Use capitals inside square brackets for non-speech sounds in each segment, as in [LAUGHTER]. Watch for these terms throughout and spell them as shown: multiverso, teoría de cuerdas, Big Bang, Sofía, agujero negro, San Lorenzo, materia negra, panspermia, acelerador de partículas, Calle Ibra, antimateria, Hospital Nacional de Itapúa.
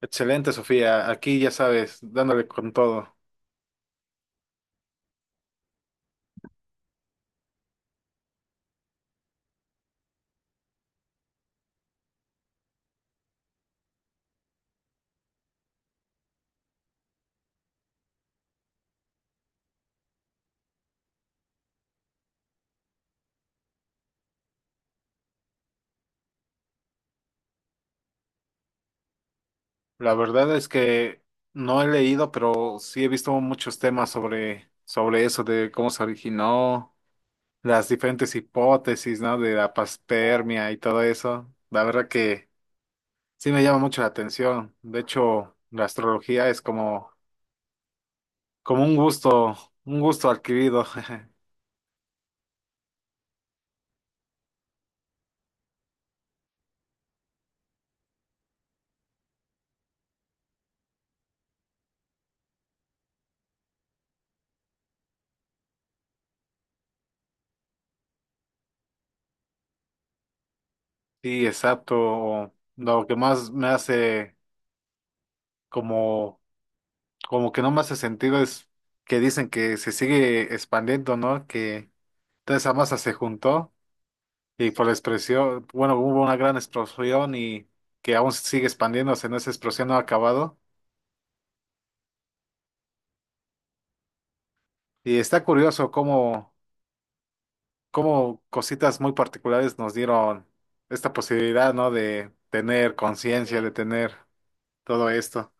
Excelente, Sofía. Aquí ya sabes, dándole con todo. La verdad es que no he leído, pero sí he visto muchos temas sobre eso, de cómo se originó, las diferentes hipótesis, ¿no? De la panspermia y todo eso. La verdad que sí me llama mucho la atención. De hecho, la astrología es como, como un gusto adquirido. [LAUGHS] Sí, exacto. Lo que más me hace como como que no me hace sentido es que dicen que se sigue expandiendo, ¿no? Que toda esa masa se juntó y por la expresión, bueno, hubo una gran explosión y que aún sigue expandiéndose, ¿no? Esa explosión no ha acabado. Y está curioso cómo, cómo cositas muy particulares nos dieron esta posibilidad, ¿no? De tener conciencia, de tener todo esto.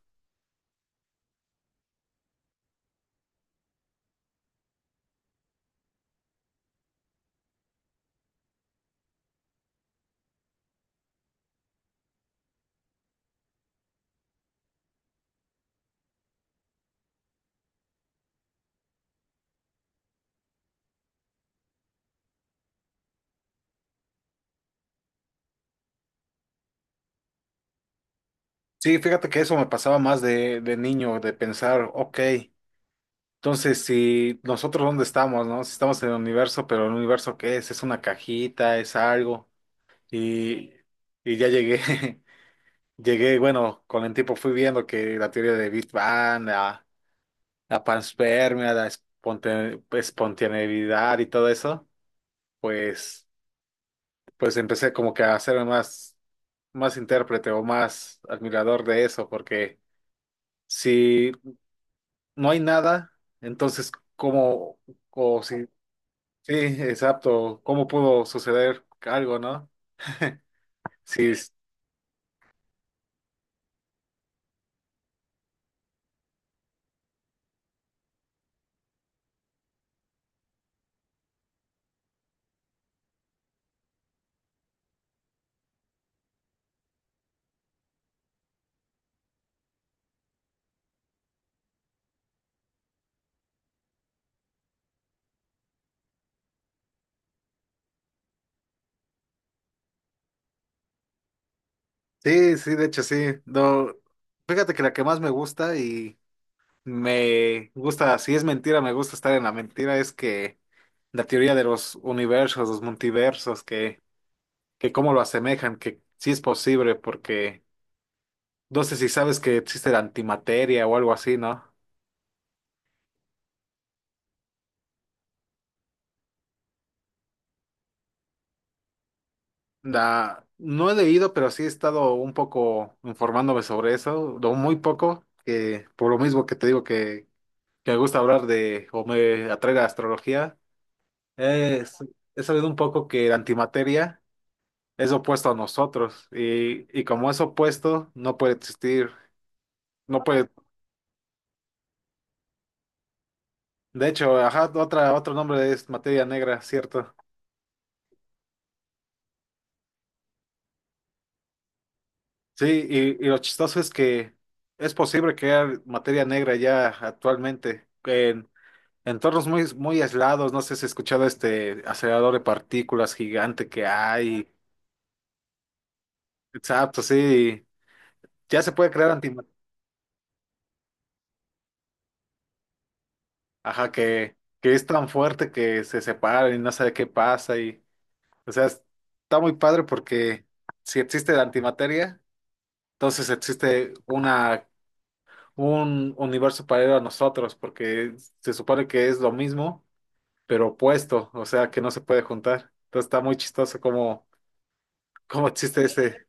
Sí, fíjate que eso me pasaba más de niño, de pensar, ok. Entonces, si nosotros dónde estamos, ¿no? Si estamos en el universo, pero el universo ¿qué es? Es una cajita, es algo. Y, y ya llegué, [LAUGHS] llegué, bueno, con el tiempo fui viendo que la teoría de Big Bang, la panspermia, la espontaneidad y todo eso, pues, pues empecé como que a hacerme más, más intérprete o más admirador de eso, porque si no hay nada, entonces, ¿cómo? O si sí, exacto. ¿Cómo pudo suceder algo, no? Sí, sí, sí, de hecho sí. No, fíjate que la que más me gusta y me gusta, si es mentira, me gusta estar en la mentira, es que la teoría de los universos, los multiversos, que cómo lo asemejan, que sí es posible, porque no sé si sabes que existe la antimateria o algo así, ¿no? La, no he leído, pero sí he estado un poco informándome sobre eso, lo muy poco, que por lo mismo que te digo que me gusta hablar de, o me atrae la astrología, es, he sabido un poco que la antimateria es opuesto a nosotros y como es opuesto, no puede existir, no puede, de hecho, ajá, otra, otro nombre es materia negra, ¿cierto? Sí, y lo chistoso es que es posible crear materia negra ya actualmente en entornos muy, muy aislados, no sé si has escuchado este acelerador de partículas gigante que hay, exacto, sí, ya se puede crear antimateria. Ajá, que es tan fuerte que se separan y no sabe qué pasa y, o sea, está muy padre porque si existe la antimateria, entonces existe una, un universo paralelo a nosotros, porque se supone que es lo mismo, pero opuesto, o sea, que no se puede juntar. Entonces está muy chistoso como, como existe ese,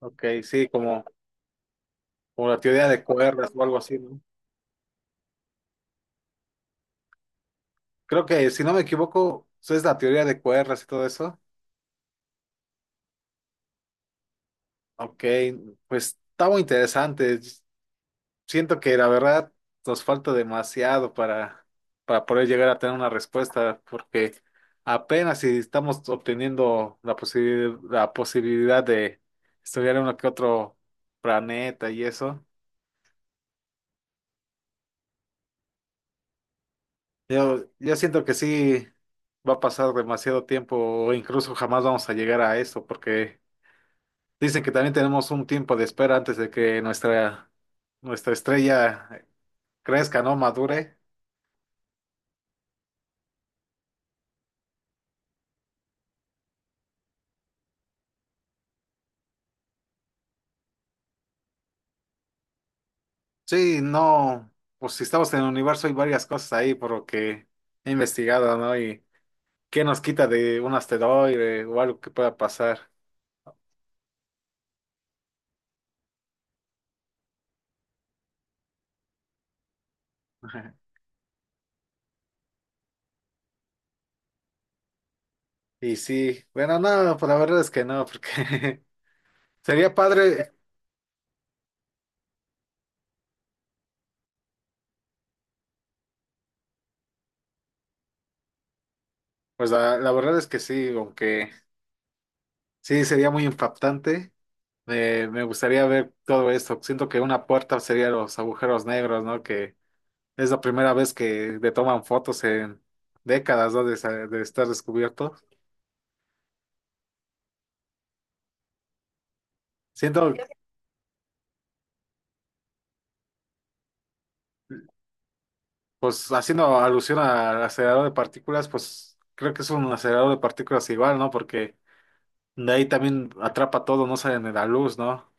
ok, sí, como, como la teoría de cuerdas o algo así, ¿no? Creo que, si no me equivoco, eso es la teoría de cuerdas y todo eso. Ok, pues está muy interesante. Siento que la verdad nos falta demasiado para poder llegar a tener una respuesta, porque apenas si estamos obteniendo la la posibilidad de estudiar uno que otro planeta y eso. Yo siento que sí va a pasar demasiado tiempo, o incluso jamás vamos a llegar a eso, porque dicen que también tenemos un tiempo de espera antes de que nuestra, nuestra estrella crezca, ¿no? Madure. Sí, no, pues si estamos en el universo hay varias cosas ahí por lo que he investigado, ¿no? Y qué nos quita de un asteroide o algo que pueda pasar. Ajá. Y sí, bueno, no, pues la verdad es que no, porque [LAUGHS] sería padre, pues la verdad es que sí, aunque sí sería muy impactante. Me gustaría ver todo esto. Siento que una puerta sería los agujeros negros, ¿no? Que es la primera vez que le toman fotos en décadas, ¿no? De, de estar descubierto. Siento, pues haciendo alusión al acelerador de partículas, pues creo que es un acelerador de partículas igual, ¿no? Porque de ahí también atrapa todo, no sale ni la luz, ¿no?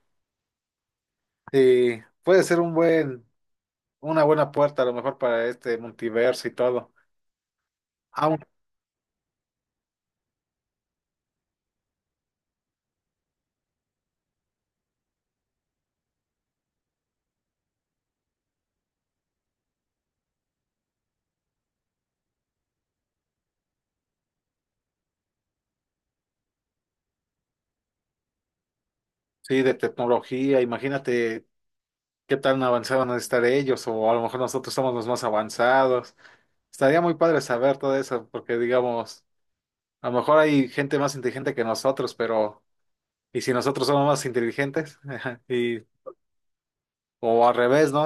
Y puede ser un buen, una buena puerta a lo mejor para este multiverso y todo. Aún sí, de tecnología, imagínate qué tan avanzados van a estar ellos, o a lo mejor nosotros somos los más avanzados. Estaría muy padre saber todo eso, porque digamos, a lo mejor hay gente más inteligente que nosotros, pero ¿y si nosotros somos más inteligentes? [LAUGHS] Y o al revés, ¿no?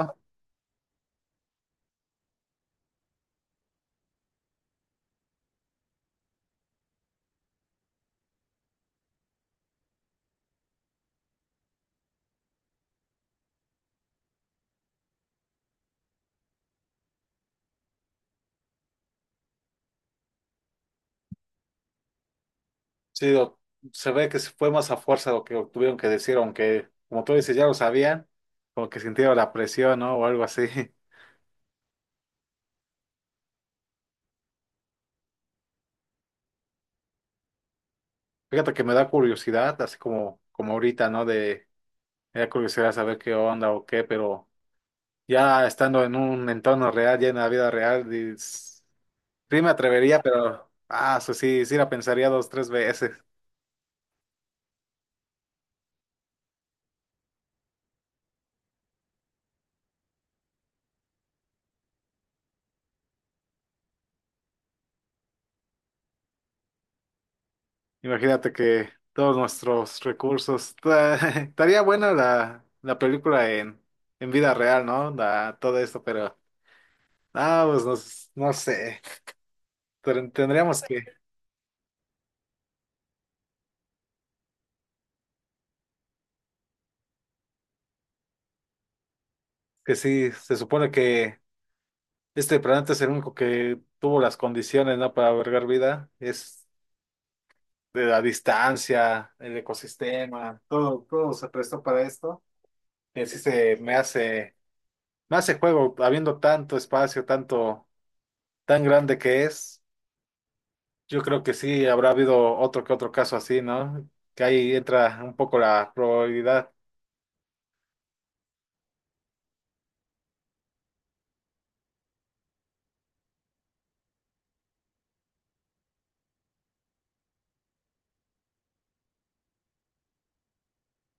Sí, se ve que se fue más a fuerza lo que tuvieron que decir, aunque, como tú dices, ya lo sabían, como que sintieron la presión, ¿no? O algo así. [LAUGHS] Fíjate que me da curiosidad, así como, como ahorita, ¿no? De, me da curiosidad saber qué onda o qué, pero ya estando en un entorno real, ya en la vida real, sí me atrevería, pero, ah, eso sí, sí la pensaría dos, tres veces. Imagínate que todos nuestros recursos. [LAUGHS] Estaría buena la, la película en vida real, ¿no? La- todo esto, pero. Ah, pues no, no sé. Tendríamos que sí, se supone que este planeta es el único que tuvo las condiciones, ¿no? Para albergar vida. Es de la distancia, el ecosistema, todo, todo se prestó para esto. Y así se me hace juego, habiendo tanto espacio, tanto, tan grande que es. Yo creo que sí, habrá habido otro que otro caso así, ¿no? Que ahí entra un poco la probabilidad.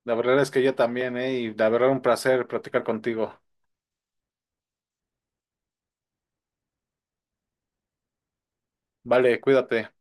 La verdad es que yo también, ¿eh? Y la verdad un placer platicar contigo. Vale, cuídate.